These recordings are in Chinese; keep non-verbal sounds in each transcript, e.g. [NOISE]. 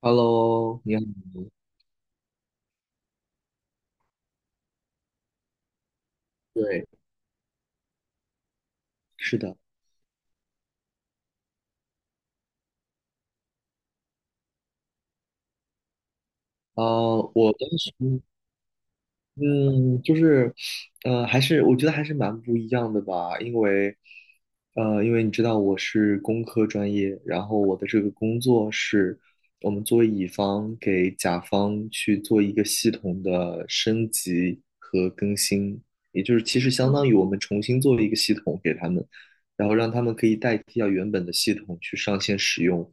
Hello，你好，对，是的，我当时，嗯，就是，还是我觉得还是蛮不一样的吧，因为，因为你知道我是工科专业，然后我的这个工作是我们作为乙方给甲方去做一个系统的升级和更新，也就是其实相当于我们重新做了一个系统给他们，然后让他们可以代替掉原本的系统去上线使用，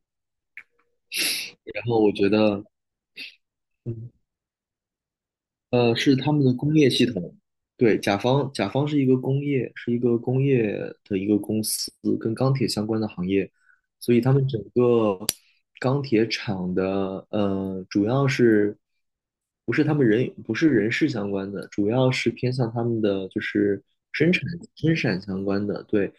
然后我觉得。嗯。是他们的工业系统。对，甲方是一个工业的一个公司，跟钢铁相关的行业，所以他们整个钢铁厂的，呃，主要是不是他们人不是人事相关的，主要是偏向他们的就是生产生产相关的，对，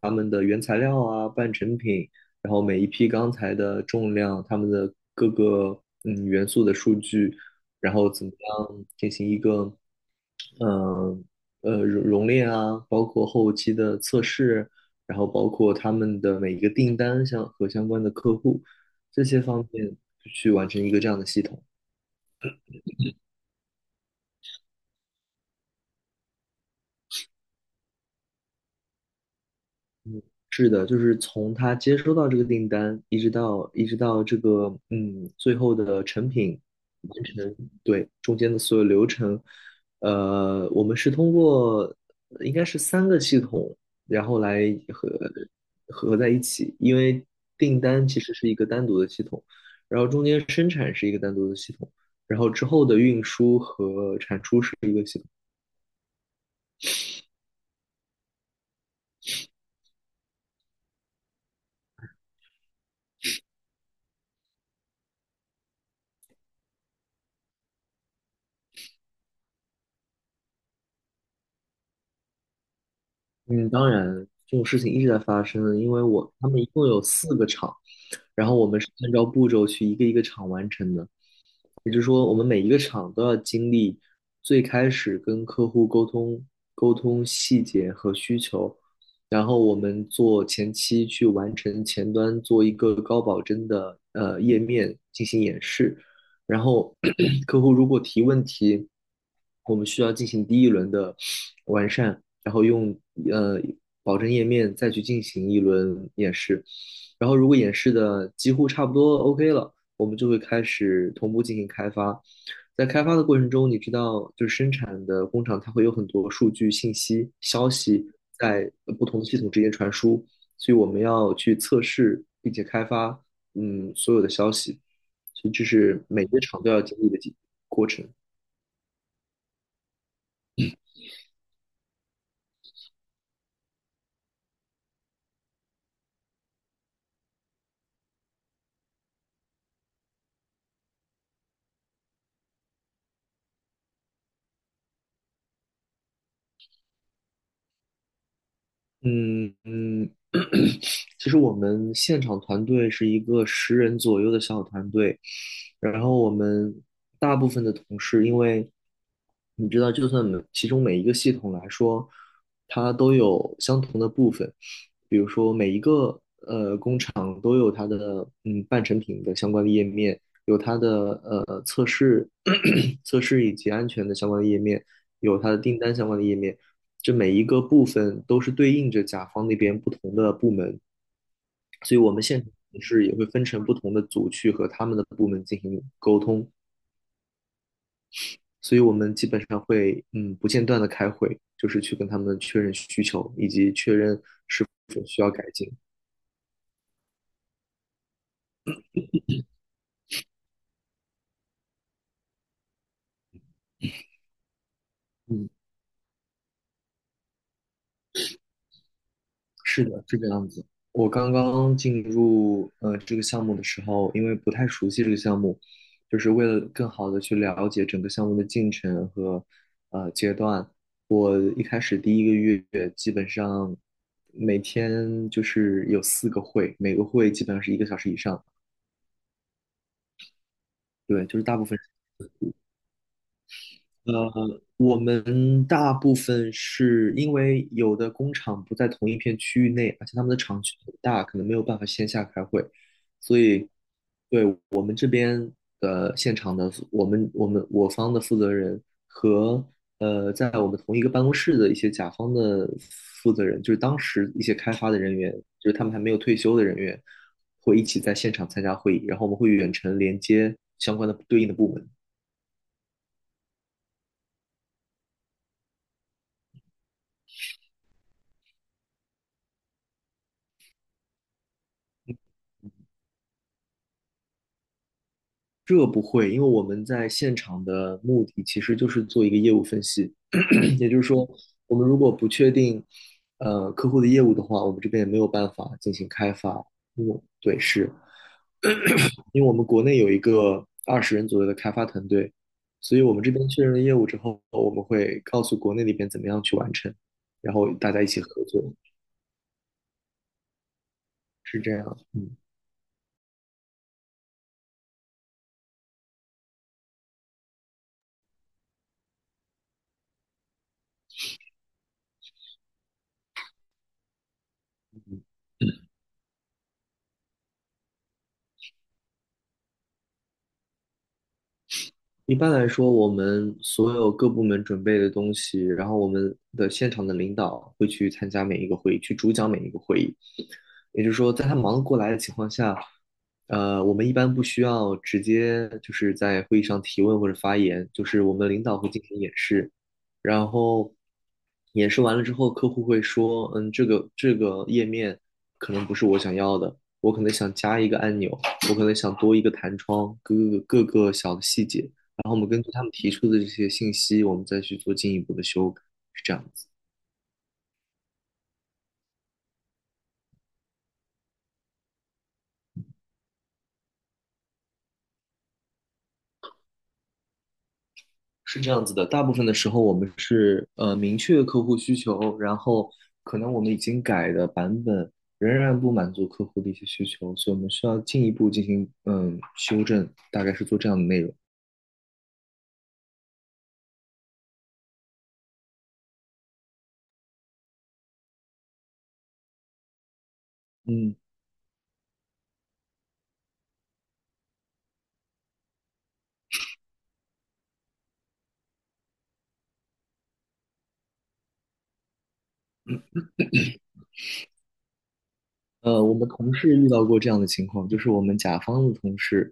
他们的原材料啊、半成品，然后每一批钢材的重量、他们的各个元素的数据，然后怎么样进行一个嗯熔炼啊，包括后期的测试，然后包括他们的每一个订单相关的客户这些方面去完成一个这样的系统。是的，就是从他接收到这个订单，一直到这个最后的成品完成，对中间的所有流程，我们是通过应该是3个系统，然后来合合在一起，因为订单其实是一个单独的系统，然后中间生产是一个单独的系统，然后之后的运输和产出是一个系统。嗯，当然这种事情一直在发生，因为他们一共有4个厂。然后我们是按照步骤去一个一个厂完成的。也就是说，我们每一个厂都要经历最开始跟客户沟通、细节和需求，然后我们做前期去完成前端做一个高保真的页面进行演示，然后 [CLEARS THROAT] [COUGHS] 客户如果提问题，我们需要进行第一轮的完善，然后用呃保证页面再去进行一轮演示，然后如果演示的几乎差不多 OK 了。我们就会开始同步进行开发。在开发的过程中，你知道，就是生产的工厂，它会有很多数据、信息、消息在不同的系统之间传输，所以我们要去测试并且开发，所有的消息，所以这是每个厂都要经历的几过程。嗯嗯，[CLEARS THROAT] 其实我们现场团队是一个十人左右的小团队，然后我们大部分的同事，因为你知道，就算其中每一个系统来说，它都有相同的部分，比如说每一个厂都有它的半成品的相关的页面，有它的测试 [CLEARS THROAT] 测试以及安全的相关的页面，有它的订单相关的页面，这每一个部分都是对应着甲方那边不同的部门，所以我们现场同事也会分成不同的组去和他们的部门进行沟通，所以我们基本上会不间断的开会，就是去跟他们确认需求以及确认是否需要改进，嗯。是的，是这个样子。我刚刚进入这个项目的时候，因为不太熟悉这个项目，就是为了更好的去了解整个项目的进程和阶段。我一开始第一个月基本上每天就是有4个会，每个会基本上是1个小时以上。对，就是大部分。呃，我们大部分是因为有的工厂不在同一片区域内，而且他们的厂区很大，可能没有办法线下开会，所以对我们这边的现场的我方的负责人和在我们同一个办公室的一些甲方的负责人，就是当时一些开发的人员，就是他们还没有退休的人员，会一起在现场参加会议，然后我们会远程连接相关的对应的部门。这不会，因为我们在现场的目的其实就是做一个业务分析，[CLEARS THROAT] [COUGHS] 也就是说，我们如果不确定客户的业务的话，我们这边也没有办法进行开发。嗯，对，是因为我们国内有一个20人左右的开发团队，所以我们这边确认了业务之后，我们会告诉国内那边怎么样去完成，然后大家一起合作，是这样。嗯。一般来说，我们所有各部门准备的东西，然后我们的现场的领导会去参加每一个会议，去主讲每一个会议。也就是说，在他忙得过来的情况下，我们一般不需要直接就是在会议上提问或者发言，就是我们领导会进行演示，然后演示完了之后，客户会说，嗯，这个页面可能不是我想要的，我可能想加一个按钮，我可能想多一个弹窗，各个小的细节，然后我们根据他们提出的这些信息，我们再去做进一步的修改，是这样子。是这样子的，大部分的时候我们是明确客户需求，然后可能我们已经改的版本仍然不满足客户的一些需求，所以我们需要进一步进行修正，大概是做这样的内容。嗯。我们同事遇到过这样的情况，就是我们甲方的同事，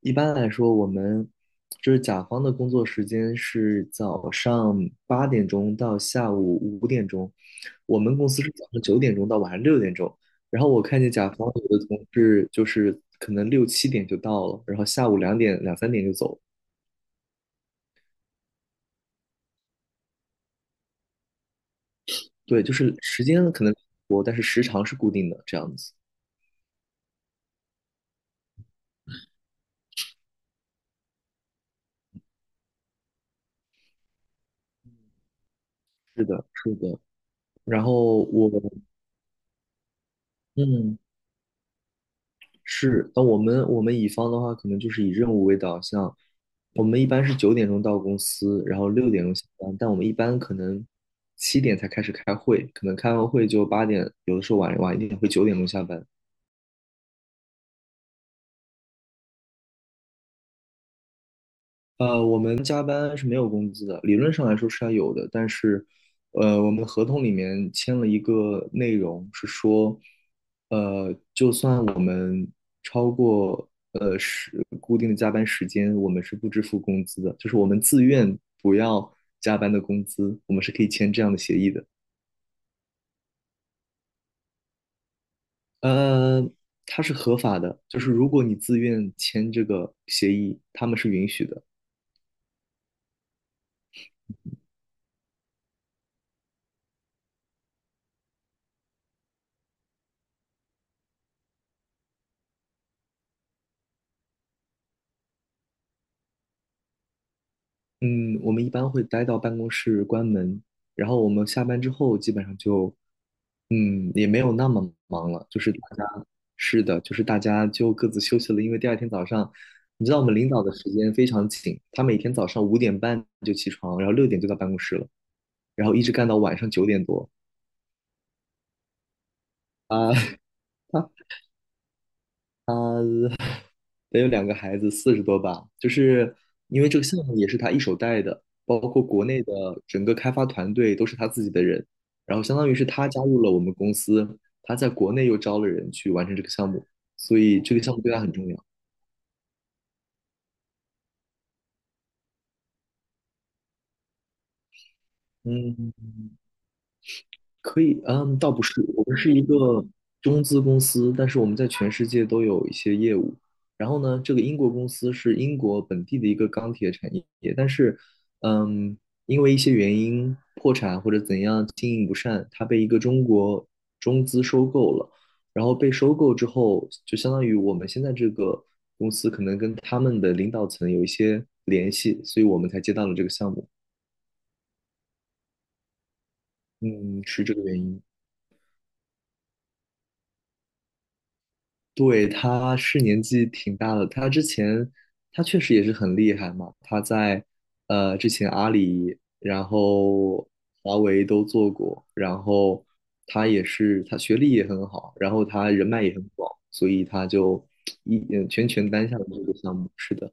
一般来说，我们就是甲方的工作时间是早上8点钟到下午5点钟，我们公司是早上九点钟到晚上六点钟，然后我看见甲方有的同事就是可能六七点就到了，然后下午两点两三点就走了，对，就是时间可能多，但是时长是固定的，这样子。是的，是的。然后我，嗯，是，那我们乙方的话，可能就是以任务为导向。我们一般是九点钟到公司，然后六点钟下班，但我们一般可能七点才开始开会，可能开完会就八点，有的时候晚一点会九点钟下班。我们加班是没有工资的，理论上来说是要有的，但是，我们合同里面签了一个内容是说，就算我们超过是固定的加班时间，我们是不支付工资的，就是我们自愿不要加班的工资，我们是可以签这样的协议的。呃，它是合法的，就是如果你自愿签这个协议，他们是允许的。嗯，我们一般会待到办公室关门，然后我们下班之后基本上就，也没有那么忙了，就是大家，是的，就是大家就各自休息了，因为第二天早上，你知道我们领导的时间非常紧，他每天早上5点半就起床，然后六点就到办公室了，然后一直干到晚上9点多，啊，[LAUGHS] 得有2个孩子，40多吧。就是因为这个项目也是他一手带的，包括国内的整个开发团队都是他自己的人，然后相当于是他加入了我们公司，他在国内又招了人去完成这个项目，所以这个项目对他很重要。嗯，可以，嗯，倒不是，我们是一个中资公司，但是我们在全世界都有一些业务。然后呢，这个英国公司是英国本地的一个钢铁产业，但是，嗯，因为一些原因破产或者怎样经营不善，它被一个中国中资收购了。然后被收购之后，就相当于我们现在这个公司可能跟他们的领导层有一些联系，所以我们才接到了这个项目。嗯，是这个原因。对，他是年纪挺大的，他之前他确实也是很厉害嘛，他在之前阿里，然后华为都做过，然后他学历也很好，然后他人脉也很广，所以他就 [TSK] 全权担下了这个项目，是的。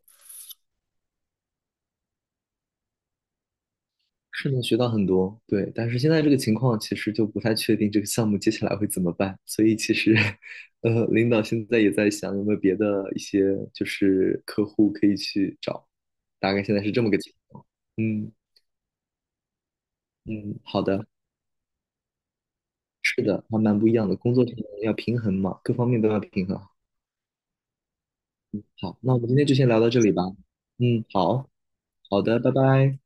是能学到很多，对。但是现在这个情况，其实就不太确定这个项目接下来会怎么办。所以其实，[LAUGHS] 领导现在也在想有没有别的一些就是客户可以去找，大概现在是这么个情况。嗯嗯，好的，是的，还蛮不一样的。工作上要平衡嘛，各方面都要平衡。好，那我们今天就先聊到这里吧。嗯，好，好的，拜拜。